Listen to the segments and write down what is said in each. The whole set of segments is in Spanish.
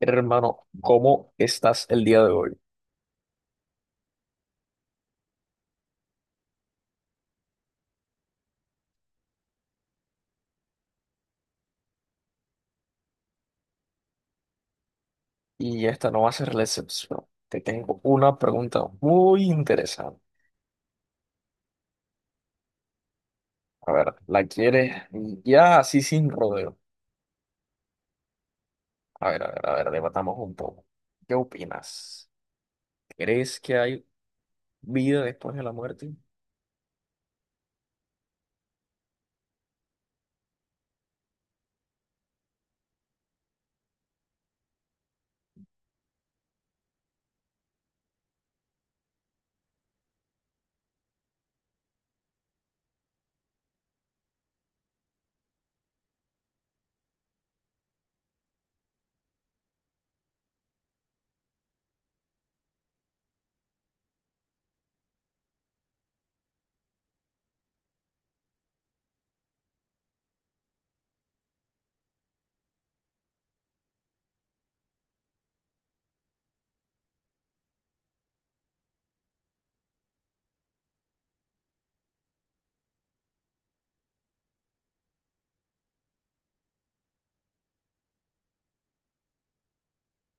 Hermano, ¿cómo estás el día de hoy? Y esta no va a ser la excepción. Te tengo una pregunta muy interesante. A ver, ¿la quieres ya así sin rodeo? A ver, a ver, a ver, debatamos un poco. ¿Qué opinas? ¿Crees que hay vida después de la muerte?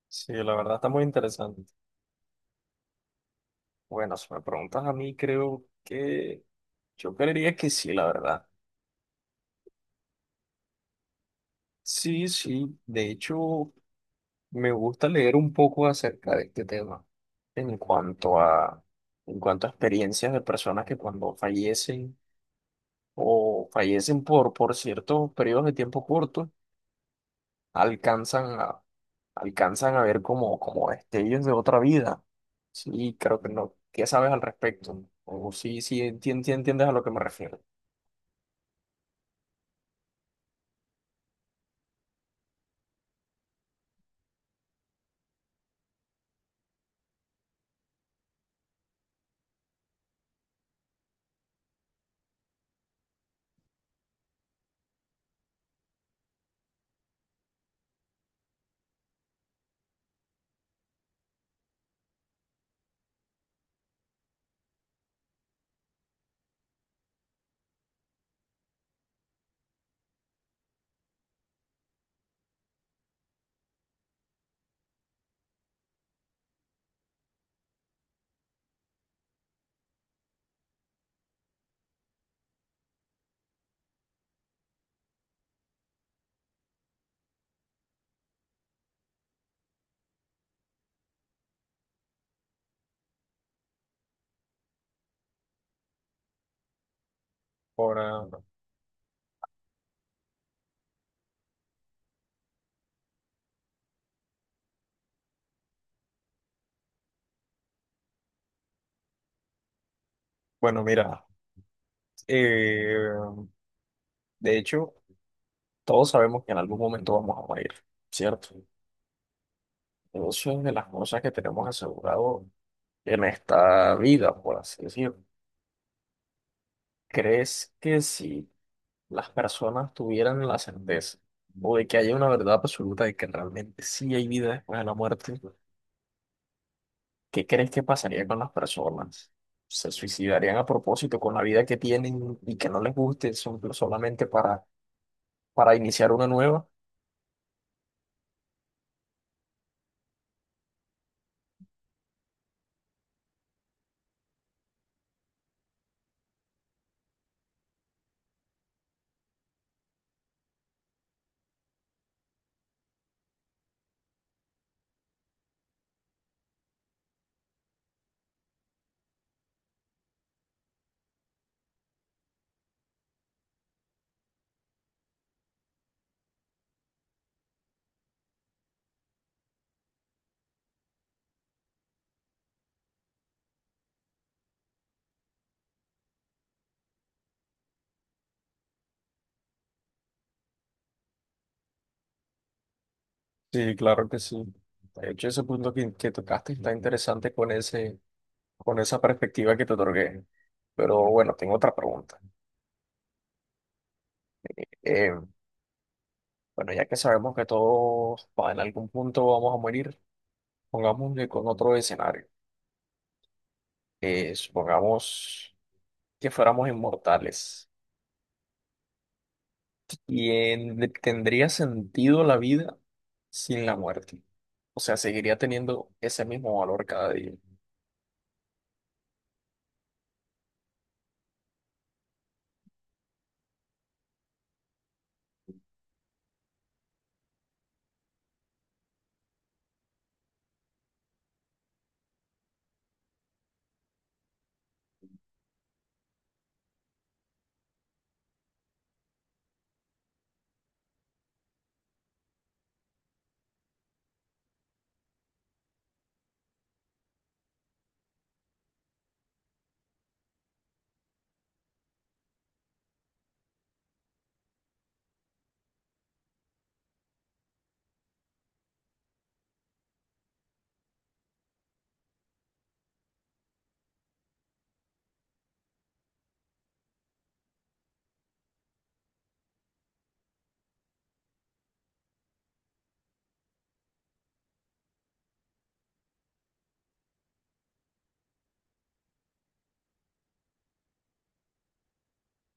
Sí, la verdad está muy interesante. Bueno, si me preguntas a mí, creo que yo creería que sí, la verdad. Sí, sí. De hecho, me gusta leer un poco acerca de este tema en cuanto a experiencias de personas que cuando fallecen o fallecen por ciertos periodos de tiempo cortos, alcanzan a, alcanzan a ver como destellos de otra vida. Sí, creo que no. ¿Qué sabes al respecto? O sí, sí, sí entiendes a lo que me refiero. Ahora, bueno, mira, eh, de hecho, todos sabemos que en algún momento vamos a morir, ¿cierto? Eso es de las cosas que tenemos asegurado en esta vida, por así decirlo. ¿Crees que si las personas tuvieran la certeza o de que haya una verdad absoluta de que realmente sí hay vida después de la muerte, qué crees que pasaría con las personas? ¿Se suicidarían a propósito con la vida que tienen y que no les guste solamente para iniciar una nueva? Sí, claro que sí. De hecho, ese punto que tocaste está interesante con ese con esa perspectiva que te otorgué. Pero bueno, tengo otra pregunta. Eh, bueno, ya que sabemos que en algún punto vamos a morir, pongámosle con otro escenario. Supongamos que fuéramos inmortales. ¿Y en- tendría sentido la vida sin la muerte? O sea, seguiría teniendo ese mismo valor cada día.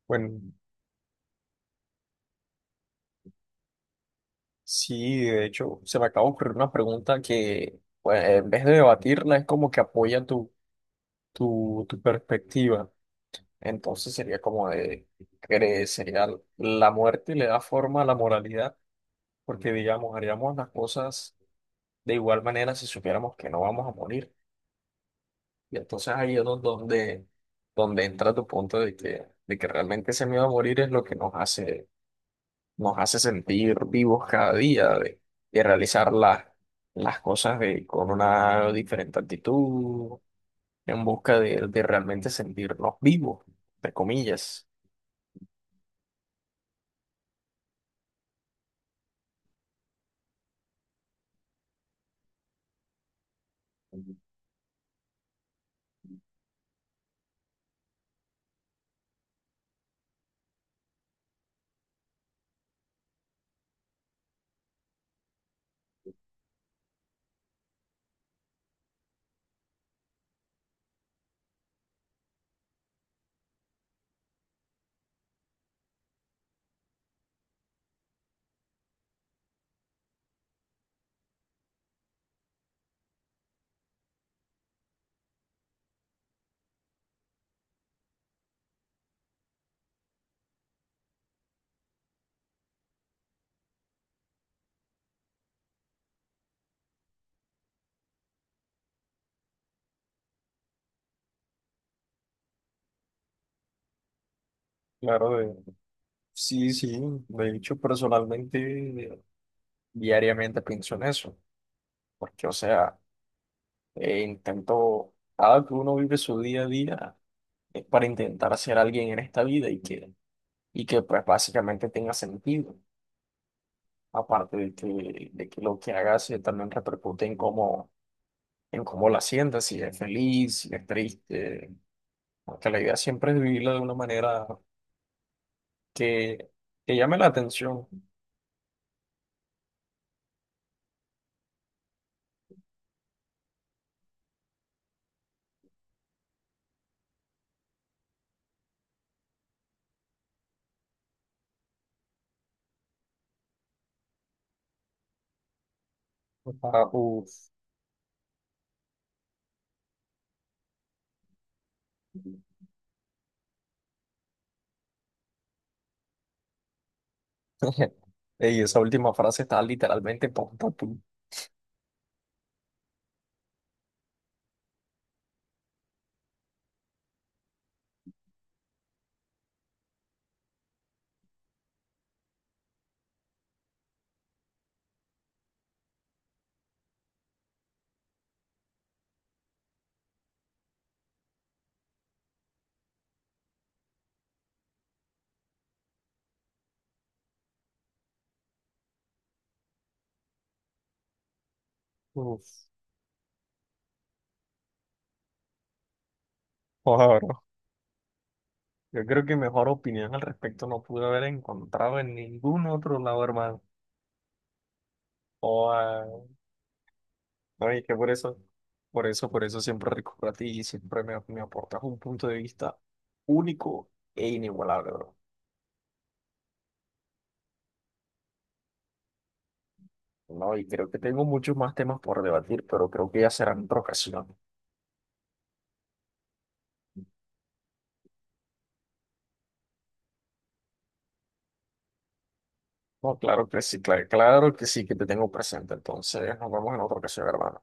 Bueno, sí, de hecho, se me acaba de ocurrir una pregunta que, pues, en vez de debatirla, es como que apoya tu perspectiva. Entonces sería como de, sería la muerte y le da forma a la moralidad, porque digamos, haríamos las cosas de igual manera si supiéramos que no vamos a morir. Y entonces ahí es donde, donde entra tu punto de que realmente ese miedo a morir es lo que nos hace sentir vivos cada día, de realizar las cosas de, con una diferente actitud, en busca de realmente sentirnos vivos, entre comillas. Claro, sí, sí, de hecho personalmente diariamente pienso en eso, porque o sea, intento, cada que uno vive su día a día es para intentar ser alguien en esta vida y que pues básicamente tenga sentido, aparte de que lo que hagas se también repercute en en cómo la sientas, si es feliz, si es triste, porque la idea siempre es vivirla de una manera que, que llame la atención. Ah, uf. Y esa última frase está literalmente pum, pum, pum. Uf, joder, bro. Yo creo que mejor opinión al respecto no pude haber encontrado en ningún otro lado, hermano. Joda. No, y que por eso, por eso siempre recurro a ti y siempre me aportas un punto de vista único e inigualable, bro. No, y creo que tengo muchos más temas por debatir, pero creo que ya será en otra ocasión. No, claro que sí, claro, claro que sí, que te tengo presente. Entonces, nos vemos en otra ocasión, hermano.